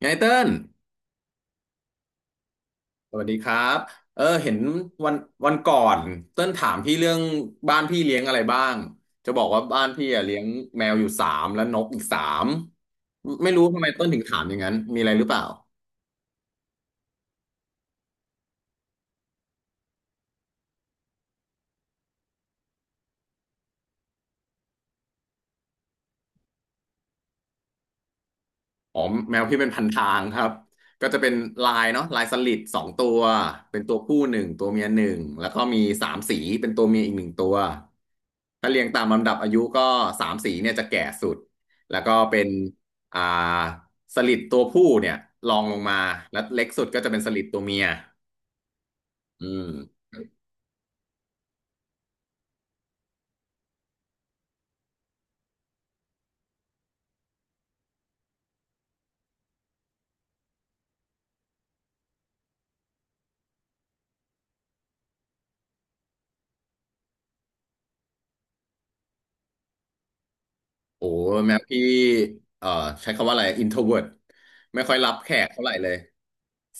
ไงเติ้ลสวัสดีครับเออเห็นวันวันก่อนเติ้ลถามพี่เรื่องบ้านพี่เลี้ยงอะไรบ้าง จะบอกว่าบ้านพี่อะเลี้ยงแมวอยู่สามและนกอีกสามไม่รู้ทำไมเติ้ลถึงถามอย่างนั้น มีอะไรหรือเปล่า อ๋อแมวพี่เป็นพันทางครับก็จะเป็นลายเนาะลายสลิดสองตัวเป็นตัวผู้หนึ่งตัวเมียหนึ่งแล้วก็มีสามสีเป็นตัวเมียอีกหนึ่งตัวถ้าเรียงตามลำดับอายุก็สามสีเนี่ยจะแก่สุดแล้วก็เป็นอ่าสลิดตัวผู้เนี่ยรองลงมาแล้วเล็กสุดก็จะเป็นสลิดตัวเมียอืม โอ้แมวพี่เอ่อใช้คำว่าอะไร introvert ไม่ค่อยรับแขกเท่าไหร่เลย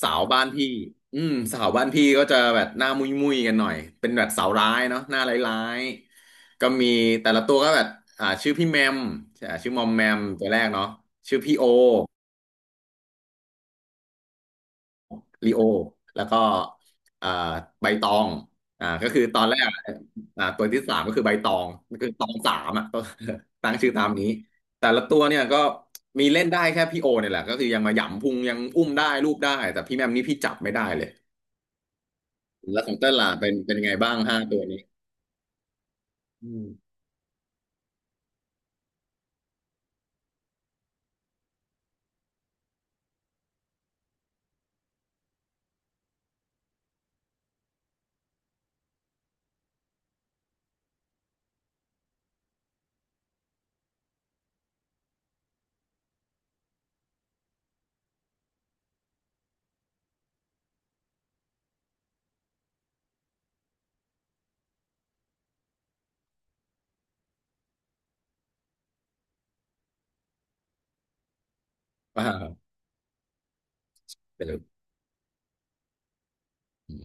สาวบ้านพี่อืมสาวบ้านพี่ก็จะแบบหน้ามุยมุยกันหน่อยเป็นแบบสาวร้ายเนาะหน้าร้ายๆก็มีแต่ละตัวก็แบบชื่อพี่แมมชื่อมอมแมมตัวแรกเนาะชื่อพี่โอ ลิโอแล้วก็เอ่าใบตองก็คือตอนแรกตัวที่สามก็คือใบตองก็คือตองสามอ่ะก็ ตั้งชื่อตามนี้แต่ละตัวเนี่ยก็มีเล่นได้แค่พี่โอเนี่ยแหละก็คือยังมาหยำพุงยังอุ้มได้รูปได้แต่พี่แมมนี่พี่จับไม่ได้เลยแล้วของเต้นล่ะเป็นยังไงบ้างห้าตัวนี้อืม อ่าเป็น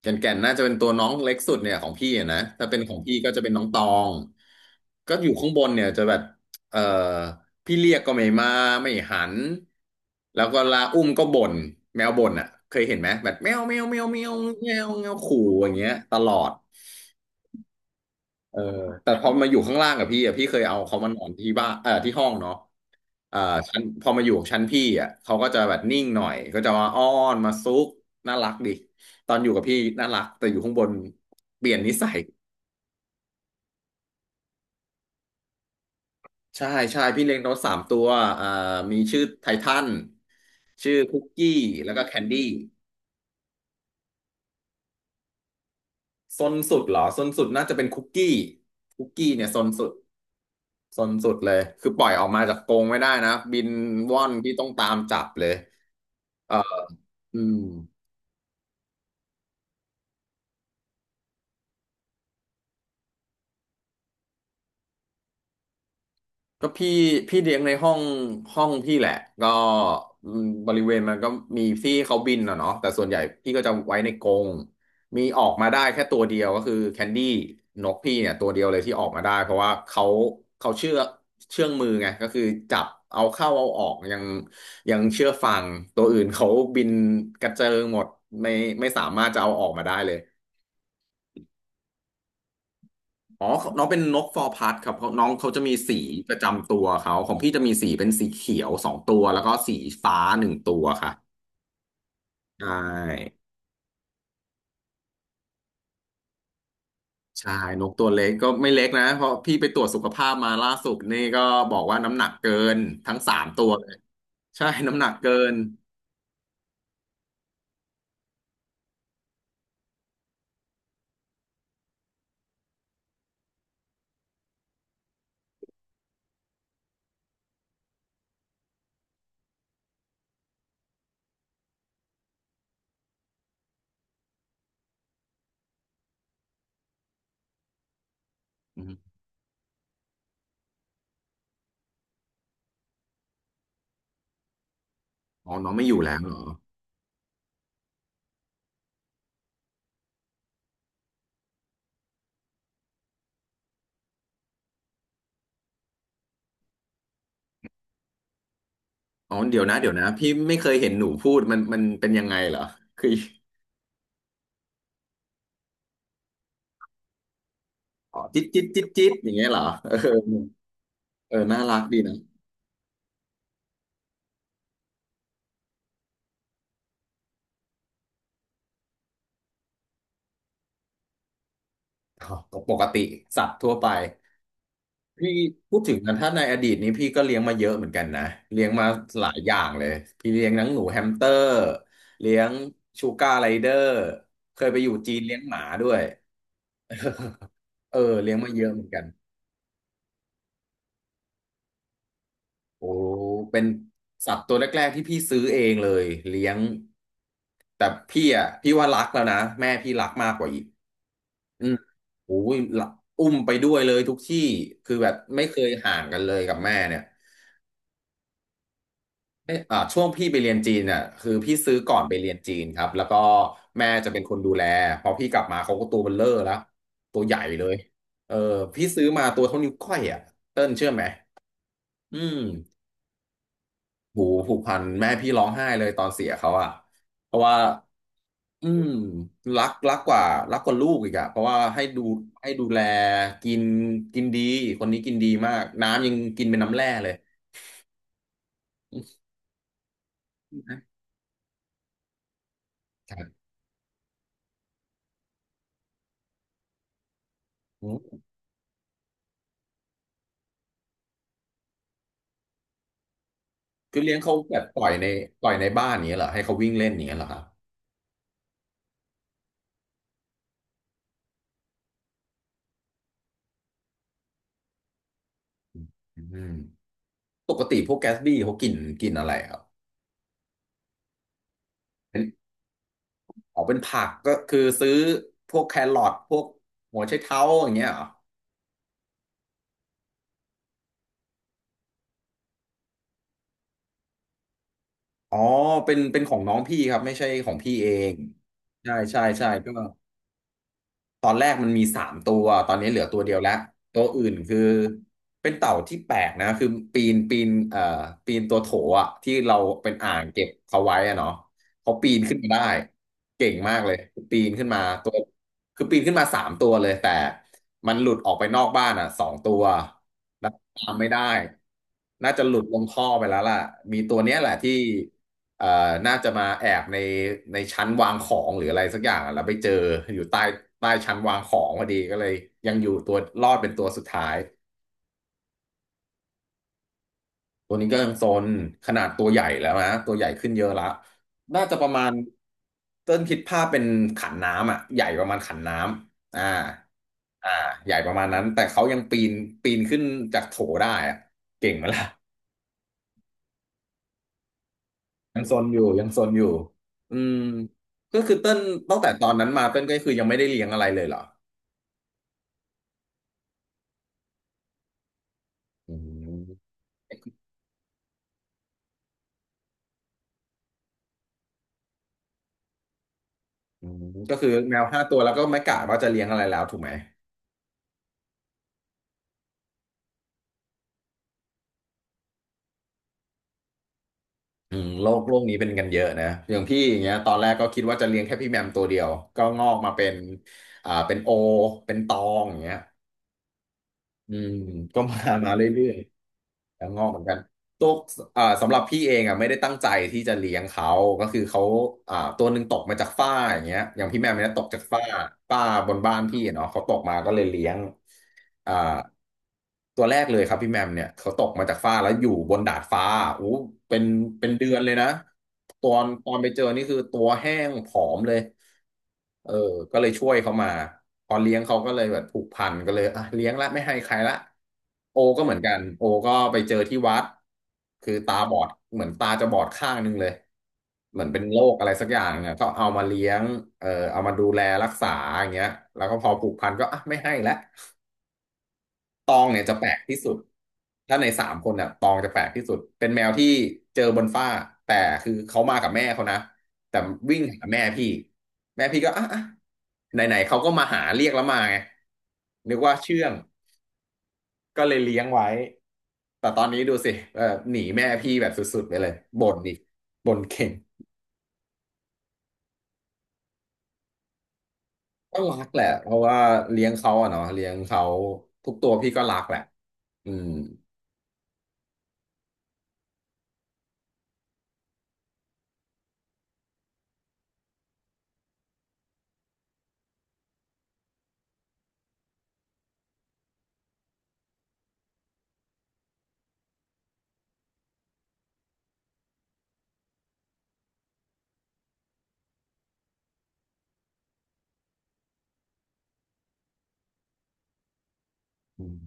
แก่นแก่นน่าจะเป็นตัวน้องเล็กสุดเนี่ยของพี่อะนะถ้าเป็นของพี่ก็จะเป็นน้องตองก็อยู่ข้างบนเนี่ยจะแบบเออพี่เรียกก็ไม่มาไม่หันแล้วก็ลาอุ้มก็บ่นแมวบ่นอ่ะเคยเห็นไหมแบบแมวแมวแมวแมวแมวแมวขู่อย่างเงี้ยตลอด เออแต่พอมาอยู่ข้างล่างกับพี่อ่ะพี่เคยเอาเขามานอนที่บ้านที่ห้องเนาะอ่าชั้นพอมาอยู่ชั้นพี่อ่ะเขาก็จะแบบนิ่งหน่อยก็จะมาอ้อนมาซุกน่ารักดิตอนอยู่กับพี่น่ารักแต่อยู่ข้างบนเปลี่ยนนิสัยใช่ใช่พี่เลี้ยงนกสามตัวอ่ามีชื่อไททันชื่อคุกกี้แล้วก็แคนดี้ซนสุดเหรอซนสุดน่าจะเป็นคุกกี้คุกกี้เนี่ยซนสุดซนสุดเลยคือปล่อยออกมาจากกรงไม่ได้นะบินว่อนพี่ต้องตามจับเลย อืมก็พี่เลี้ยงในห้องห้องพี่แหละก็อืมบริเวณมันก็มีที่เขาบินอ่ะเนาะแต่ส่วนใหญ่พี่ก็จะไว้ในกรงมีออกมาได้แค่ตัวเดียวก็คือแคนดี้นกพี่เนี่ยตัวเดียวเลยที่ออกมาได้เพราะว่าเขาเชื่องมือไงก็คือจับเอาเข้าเอาออกยังเชื่อฟังตัวอื่นเขาบินกระเจิงหมดไม่ไม่สามารถจะเอาออกมาได้เลย อ๋อน้องเป็นนกฟอร์พัดครับเพราะน้องเขาจะมีสีประจำตัวเขาของพี่จะมีสีเป็นสีเขียวสองตัวแล้วก็สีฟ้าหนึ่งตัวค่ะใช่ใช่นกตัวเล็กก็ไม่เล็กนะเพราะพี่ไปตรวจสุขภาพมาล่าสุดนี่ก็บอกว่าน้ำหนักเกินทั้งสามตัวเลยใช่น้ำหนักเกินอมอ๋อน้องไม่อยู่แล้วเหรออ๋อเดี๋ยวนะพี่ไม่เคยเห็นหนูพูดมันเป็นยังไงเหรอคืออ๋อจิ๊ดจิ๊ดจิ๊ดจิ๊ดอย่างเงี้ยเหรอเออเออน่ารักดีนะอ๋อก็ปกติสัตว์ทั่วไป พี่พูดถึงนะถ้าในอดีตนี้พี่ก็เลี้ยงมาเยอะเหมือนกันนะเลี้ยงมาหลายอย่างเลยพี่เลี้ยงทั้งหนูแฮมสเตอร์เลี้ยงชูการ์ไรเดอร์เคยไปอยู่จีนเลี้ยงหมาด้วยเออเลี้ยงมาเยอะเหมือนกันโอ้เป็นสัตว์ตัวแรกๆที่พี่ซื้อเองเลยเลี้ยงแต่พี่อ่ะพี่ว่ารักแล้วนะแม่พี่รักมากกว่าอีกอืมโอ้ยละอุ้มไปด้วยเลยทุกที่คือแบบไม่เคยห่างกันเลยกับแม่เนี่ย เอยช่วงพี่ไปเรียนจีนน่ะคือพี่ซื้อก่อนไปเรียนจีนครับแล้วก็แม่จะเป็นคนดูแลพอพี่กลับมาเขาก็ตัวเบลเลอร์แล้วตัวใหญ่เลยเออพี่ซื้อมาตัวเท่านิ้วก้อยอ่ะเติ้ลเชื่อไหมอืมหูผูกพันแม่พี่ร้องไห้เลยตอนเสียเขาอ่ะเพราะว่าอืมรักกว่ารักกว่าลูกอีกอ่ะเพราะว่าให้ดูให้ดูแลกินกินดีคนนี้กินดีมากน้ำยังกินเป็นน้ำแร่เลยอืม ครับ คือเลี้ยงเขาแบบปล่อยในบ้านนี้ยเหรอให้เขาวิ่งเล่นนี้ยเหรอครับอืมปกติพวกแกสบี้เขากินกินอะไรครับเป็นอ๋อเป็นผักก็คือซื้อพวกแครอทพวกหัวไชเท้าอย่างเงี้ยเหรออ๋อเป็นของน้องพี่ครับไม่ใช่ของพี่เองใช่ใช่ใช่ก็ ตอนแรกมันมี3 ตัวตอนนี้เหลือตัวเดียวแล้วตัวอื่นคือเป็นเต่าที่แปลกนะคือปีนปีนตัวโถอ่ะที่เราเป็นอ่างเก็บเขาไว้อะเนาะเขาปีนขึ้นมาได้เก่งมากเลยปีนขึ้นมาตัวคือปีนขึ้นมาสามตัวเลยแต่มันหลุดออกไปนอกบ้านอ่ะ2 ตัวแล้วตามไม่ได้น่าจะหลุดลงท่อไปแล้วล่ะมีตัวเนี้ยแหละที่ เอ่อน่าจะมาแอบในชั้นวางของหรืออะไรสักอย่างอะแล้วไปเจออยู่ใต้ชั้นวางของพอดีก็เลยยังอยู่ตัวรอดเป็นตัวสุดท้ายตัวนี้ก็ยังโซนขนาดตัวใหญ่แล้วนะตัวใหญ่ขึ้นเยอะละน่าจะประมาณเต้นคิดภาพเป็นขันน้ำอ่ะใหญ่ประมาณขันน้ำอ่าอ่าใหญ่ประมาณนั้นแต่เขายังปีนขึ้นจากโถได้อ่ะเก่งไหมล่ะยังซนอยู่ยังซนอยู่อืมก็คือเต้นตั้งแต่ตอนนั้นมาเต้นก็คือยังไม่ได้เลี้ยงอะไรเลยเหรอ อืมอืมก็คือแมว5 ตัวแล้วก็ไม่กะว่าจะเลี้ยงอะไรแล้วถูกไหมอืมโลกนี้เป็นกันเยอะนะอย่างพี่อย่างเงี้ยตอนแรกก็คิดว่าจะเลี้ยงแค่พี่แมมตัวเดียวก็งอกมาเป็นอ่าเป็นโอเป็นตองอย่างเงี้ยอืมก็มามาเรื่อยๆแล้วงอกเหมือนกันตัวอ่าสำหรับพี่เองอ่ะไม่ได้ตั้งใจที่จะเลี้ยงเขาก็คือเขาอ่าตัวหนึ่งตกมาจากฝ้าอย่างเงี้ยอย่างพี่แมมเนี่ยตกจากฝ้าฝ้าบนบ้านพี่อะเนาะเขาตกมาก็เลยเลี้ยง อ่าตัวแรกเลยครับพี่แมมเนี่ยเขาตกมาจากฟ้าแล้วอยู่บนดาดฟ้าโอ้เป็นเป็นเดือนเลยนะตอนไปเจอนี่คือตัวแห้งผอมเลยเออก็เลยช่วยเขามาพอเลี้ยงเขาก็เลยแบบผูกพันก็เลยอ่ะเลี้ยงละไม่ให้ใครละโอก็เหมือนกันโอก็ไปเจอที่วัดคือตาบอดเหมือนตาจะบอดข้างหนึงเลยเหมือนเป็นโรคอะไรสักอย่างเนี่ยก็เอามาเลี้ยงเออเอามาดูแลรักษาอย่างเงี้ยแล้วก็พอผูกพันก็อ่ะไม่ให้ละ ตองเนี่ยจะแปลกที่สุดถ้าใน3 คนเนี่ยตองจะแปลกที่สุด เป็นแมวที่เจอบนฟ้า แต่คือเขามากับแม่เขานะแต่วิ่งหาแม่พี่ แม่พี่ก็อ่ะไหนๆเขาก็มาหาเรียกแล้วมาไงนึกว่าเชื่อง ก็เลยเลี้ยงไว้แต่ตอนนี้ดูสิเออหนีแม่พี่แบบสุดๆไปเลยบ่นอีกบ่นเก่งก็รักแหละเพราะว่าเลี้ยงเขาอะเนาะเลี้ยงเขาทุกตัวพี่ก็รักแหละอืมอืม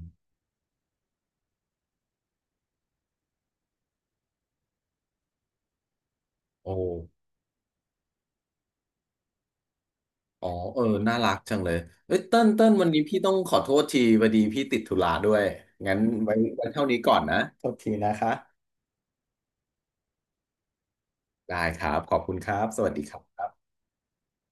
โอ้ อ๋อเออน่ารักจังเลยเอ้ยเติ้ลวันนี้พี่ต้องขอโทษทีพอดีพี่ติดธุระด้วยงั้นไว้เท่านี้ก่อนนะโทษทีนะคะ ได้ครับขอบคุณครับสวัสดีครับ